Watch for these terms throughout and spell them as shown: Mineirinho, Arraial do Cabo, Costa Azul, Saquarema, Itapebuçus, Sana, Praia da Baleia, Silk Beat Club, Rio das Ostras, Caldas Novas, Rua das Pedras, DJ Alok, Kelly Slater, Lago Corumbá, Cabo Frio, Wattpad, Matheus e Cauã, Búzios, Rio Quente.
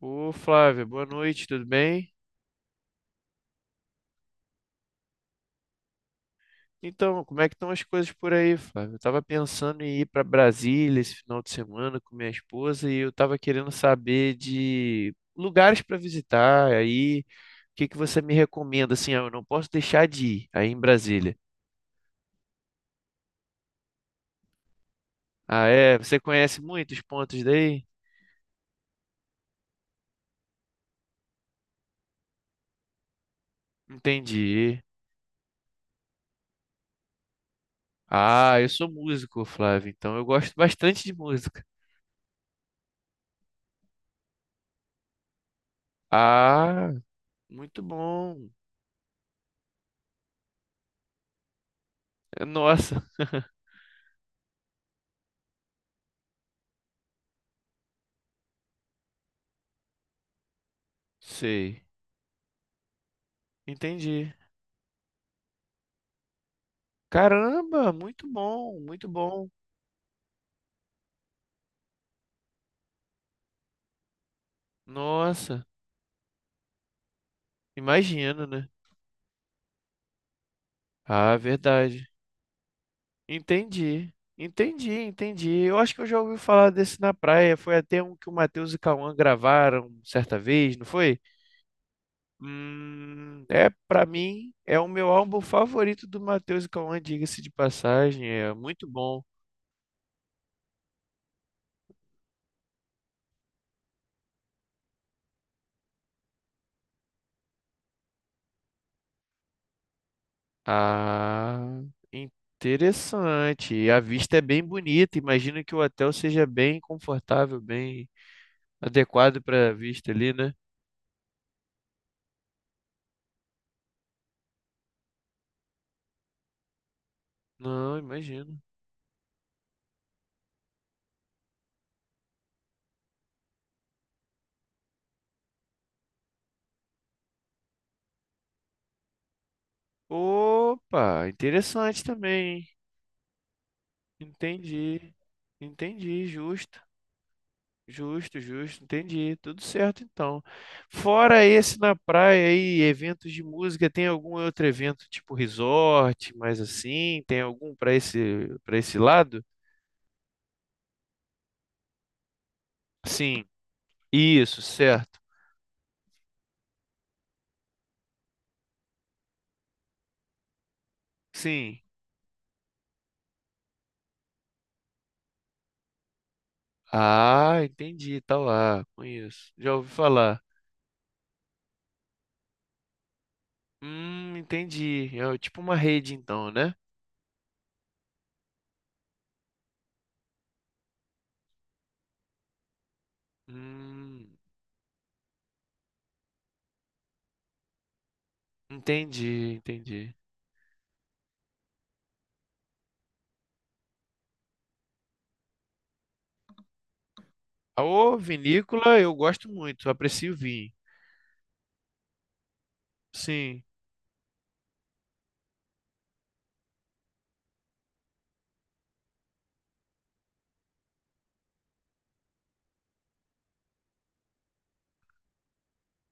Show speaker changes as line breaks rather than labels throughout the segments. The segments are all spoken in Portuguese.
Ô Flávia, boa noite, tudo bem? Então, como é que estão as coisas por aí, Flávia? Eu estava pensando em ir para Brasília esse final de semana com minha esposa e eu estava querendo saber de lugares para visitar. Aí, o que que você me recomenda? Assim, eu não posso deixar de ir aí em Brasília. Ah, é? Você conhece muitos pontos daí? Entendi. Ah, eu sou músico, Flávio. Então eu gosto bastante de música. Ah, muito bom. É, nossa, sei. Entendi. Caramba, muito bom, muito bom. Nossa, imagino, né? Ah, verdade. Entendi, entendi, entendi. Eu acho que eu já ouvi falar desse na praia. Foi até um que o Matheus e Cauã gravaram certa vez, não foi? É, pra mim, é o meu álbum favorito do Matheus e Cauã, diga-se de passagem. É muito bom. Ah, interessante. A vista é bem bonita. Imagino que o hotel seja bem confortável, bem adequado para vista ali, né? Não, imagino. Opa, interessante também, hein? Entendi. Entendi, justo. Justo, justo, entendi. Tudo certo então. Fora esse na praia aí, eventos de música, tem algum outro evento tipo resort, mais assim? Tem algum para esse lado? Sim. Isso, certo. Sim. Ah, entendi, tá lá, conheço. Já ouvi falar. Entendi. É tipo uma rede, então, né? Hum, entendi, entendi. A ô, vinícola eu gosto muito, aprecio vinho. Sim.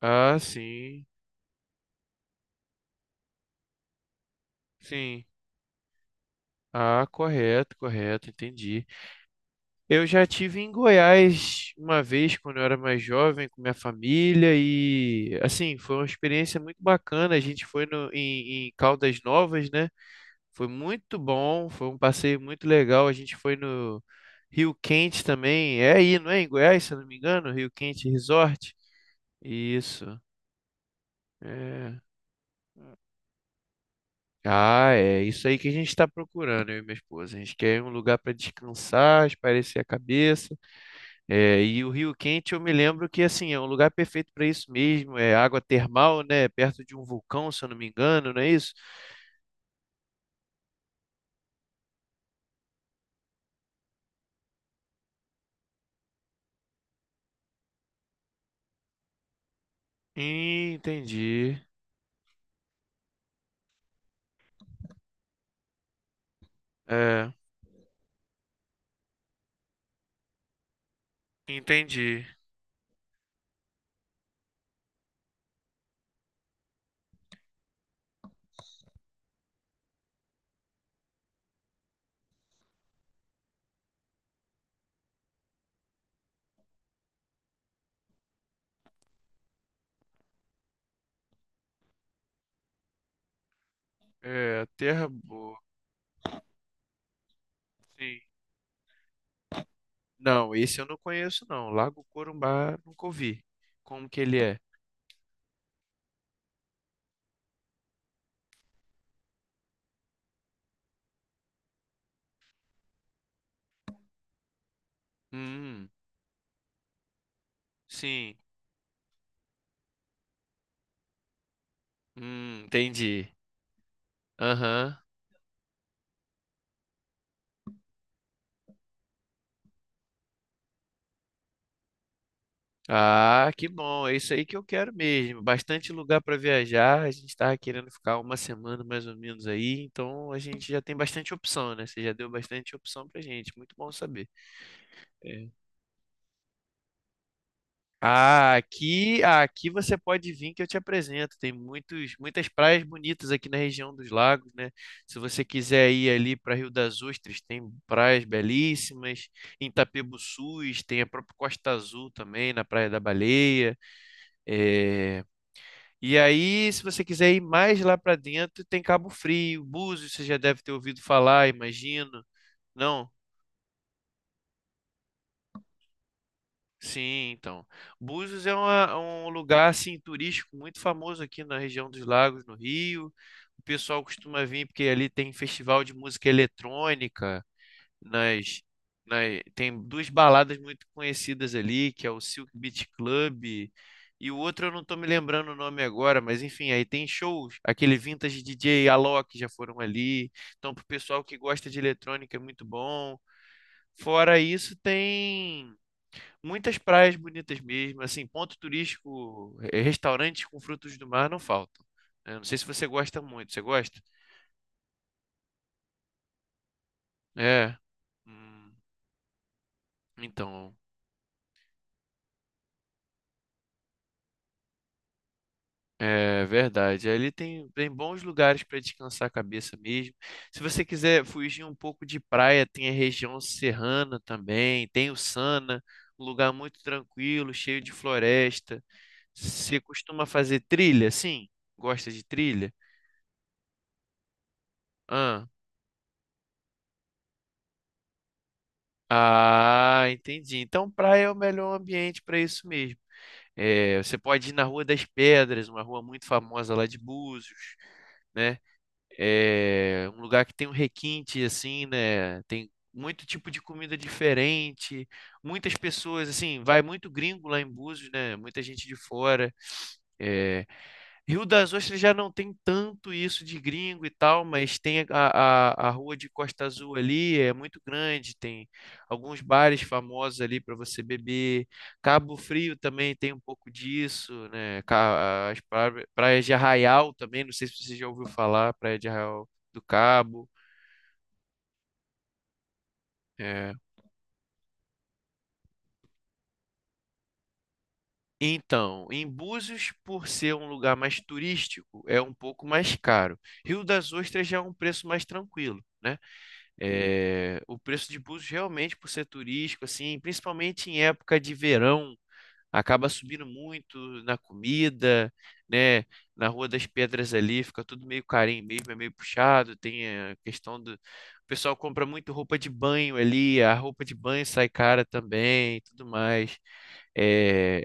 Ah, sim, sim. Ah, correto, correto, entendi. Eu já tive em Goiás uma vez quando eu era mais jovem com minha família e assim, foi uma experiência muito bacana. A gente foi no, em, em Caldas Novas, né? Foi muito bom, foi um passeio muito legal. A gente foi no Rio Quente também. É aí, não é? Em Goiás, se eu não me engano, Rio Quente Resort. Isso. É. Ah, é isso aí que a gente está procurando, eu e minha esposa. A gente quer um lugar para descansar, espairecer a cabeça. É, e o Rio Quente, eu me lembro que assim é um lugar perfeito para isso mesmo. É água termal, né? Perto de um vulcão, se eu não me engano, não é isso? Entendi. É, entendi. É, terra boa. Sim. Não, esse eu não conheço, não. Lago Corumbá, nunca ouvi. Como que ele é? Hum, sim. Entendi. Aham. Ah, que bom. É isso aí que eu quero mesmo. Bastante lugar para viajar. A gente estava querendo ficar uma semana mais ou menos aí, então a gente já tem bastante opção, né? Você já deu bastante opção pra gente. Muito bom saber. É. Ah, aqui você pode vir que eu te apresento. Tem muitas praias bonitas aqui na região dos lagos, né? Se você quiser ir ali para Rio das Ostras, tem praias belíssimas. Em Itapebuçus tem a própria Costa Azul também, na Praia da Baleia. É, e aí, se você quiser ir mais lá para dentro, tem Cabo Frio, Búzios, você já deve ter ouvido falar, imagino. Não? Sim, então. Búzios é um lugar assim turístico muito famoso aqui na região dos Lagos, no Rio. O pessoal costuma vir porque ali tem festival de música eletrônica, nas, tem duas baladas muito conhecidas ali, que é o Silk Beat Club e o outro eu não estou me lembrando o nome agora, mas enfim, aí tem shows, aquele vintage DJ Alok já foram ali. Então, pro pessoal que gosta de eletrônica é muito bom. Fora isso, tem muitas praias bonitas mesmo, assim, ponto turístico, restaurantes com frutos do mar não faltam, né? Não sei se você gosta muito, você gosta? É. Hum, então, é verdade. Ali tem bons lugares para descansar a cabeça mesmo. Se você quiser fugir um pouco de praia, tem a região serrana também, tem o Sana, um lugar muito tranquilo, cheio de floresta. Você costuma fazer trilha, sim? Gosta de trilha? Ah, entendi. Então, praia é o melhor ambiente para isso mesmo. É, você pode ir na Rua das Pedras, uma rua muito famosa lá de Búzios, né? É um lugar que tem um requinte, assim, né? Tem muito tipo de comida diferente, muitas pessoas, assim, vai muito gringo lá em Búzios, né? Muita gente de fora. É, Rio das Ostras já não tem tanto isso de gringo e tal, mas tem a rua de Costa Azul ali, é muito grande, tem alguns bares famosos ali para você beber. Cabo Frio também tem um pouco disso, né? Praias de Arraial também, não sei se você já ouviu falar, Praia de Arraial do Cabo. É. Então, em Búzios, por ser um lugar mais turístico, é um pouco mais caro. Rio das Ostras já é um preço mais tranquilo, né? É, o preço de Búzios realmente, por ser turístico, assim, principalmente em época de verão, acaba subindo muito na comida, né? Na Rua das Pedras ali, fica tudo meio carinho mesmo, é meio puxado. Tem a questão do. O pessoal compra muito roupa de banho ali, a roupa de banho sai cara também, e tudo mais. É,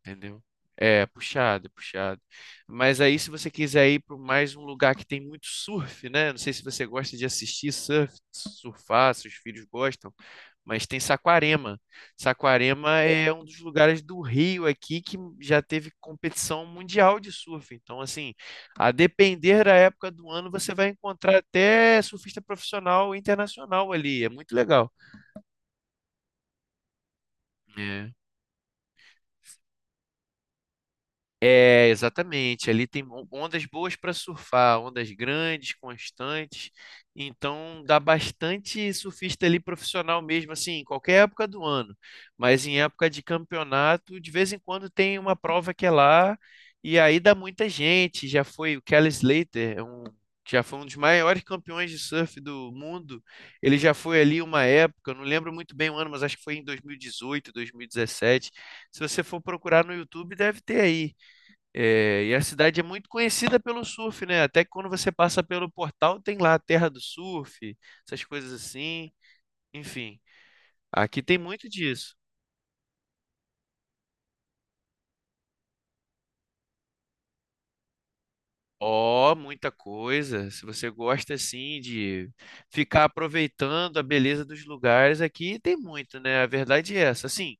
entendeu? É, puxado, é puxado. Mas aí, se você quiser ir para mais um lugar que tem muito surf, né? Não sei se você gosta de assistir surf, surfar, seus filhos gostam, mas tem Saquarema. Saquarema é um dos lugares do Rio aqui que já teve competição mundial de surf. Então, assim, a depender da época do ano, você vai encontrar até surfista profissional internacional ali. É muito legal. É. É, exatamente. Ali tem ondas boas para surfar, ondas grandes, constantes. Então dá bastante surfista ali profissional mesmo, assim, em qualquer época do ano. Mas em época de campeonato, de vez em quando tem uma prova que é lá, e aí dá muita gente. Já foi o Kelly Slater, já foi um dos maiores campeões de surf do mundo. Ele já foi ali uma época, eu não lembro muito bem o ano, mas acho que foi em 2018, 2017. Se você for procurar no YouTube, deve ter aí. É, e a cidade é muito conhecida pelo surf, né? Até que quando você passa pelo portal, tem lá a terra do surf, essas coisas assim. Enfim, aqui tem muito disso. Ó, muita coisa. Se você gosta assim de ficar aproveitando a beleza dos lugares, aqui tem muito, né? A verdade é essa. Assim,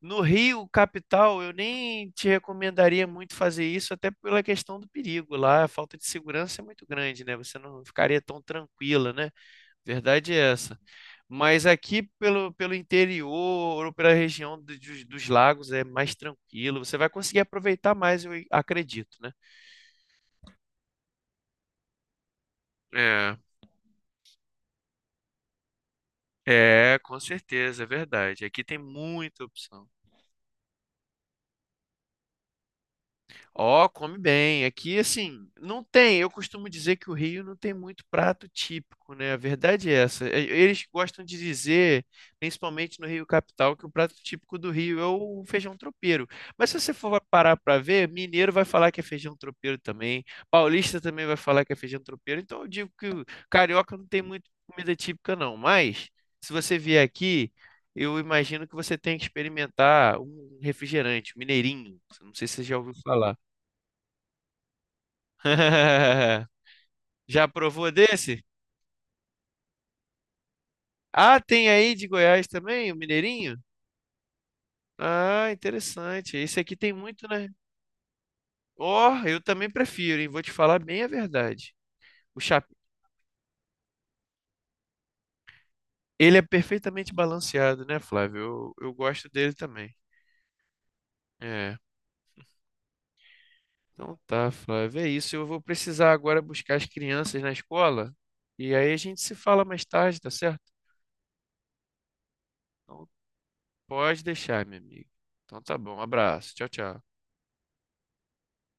no Rio, capital, eu nem te recomendaria muito fazer isso, até pela questão do perigo. Lá a falta de segurança é muito grande, né? Você não ficaria tão tranquila, né? Verdade é essa. Mas aqui pelo interior ou pela região dos lagos é mais tranquilo. Você vai conseguir aproveitar mais, eu acredito, né? É, é, com certeza, é verdade. Aqui tem muita opção. Ó, come bem. Aqui, assim, não tem. Eu costumo dizer que o Rio não tem muito prato típico, né? A verdade é essa. E- eles gostam de dizer, principalmente no Rio Capital, que o prato típico do Rio é o feijão tropeiro. Mas se você for parar para ver, mineiro vai falar que é feijão tropeiro também. Paulista também vai falar que é feijão tropeiro. Então eu digo que o carioca não tem muito comida típica, não. Mas, se você vier aqui. Eu imagino que você tem que experimentar um refrigerante, um mineirinho. Não sei se você já ouviu falar. Já provou desse? Ah, tem aí de Goiás também, o Mineirinho? Ah, interessante. Esse aqui tem muito, né? Ó, eu também prefiro, hein? Vou te falar bem a verdade. O chap... Ele é perfeitamente balanceado, né, Flávio? Eu gosto dele também. É. Então tá, Flávio. É isso. Eu vou precisar agora buscar as crianças na escola. E aí a gente se fala mais tarde, tá certo? Então pode deixar, meu amigo. Então tá bom. Abraço. Tchau, tchau.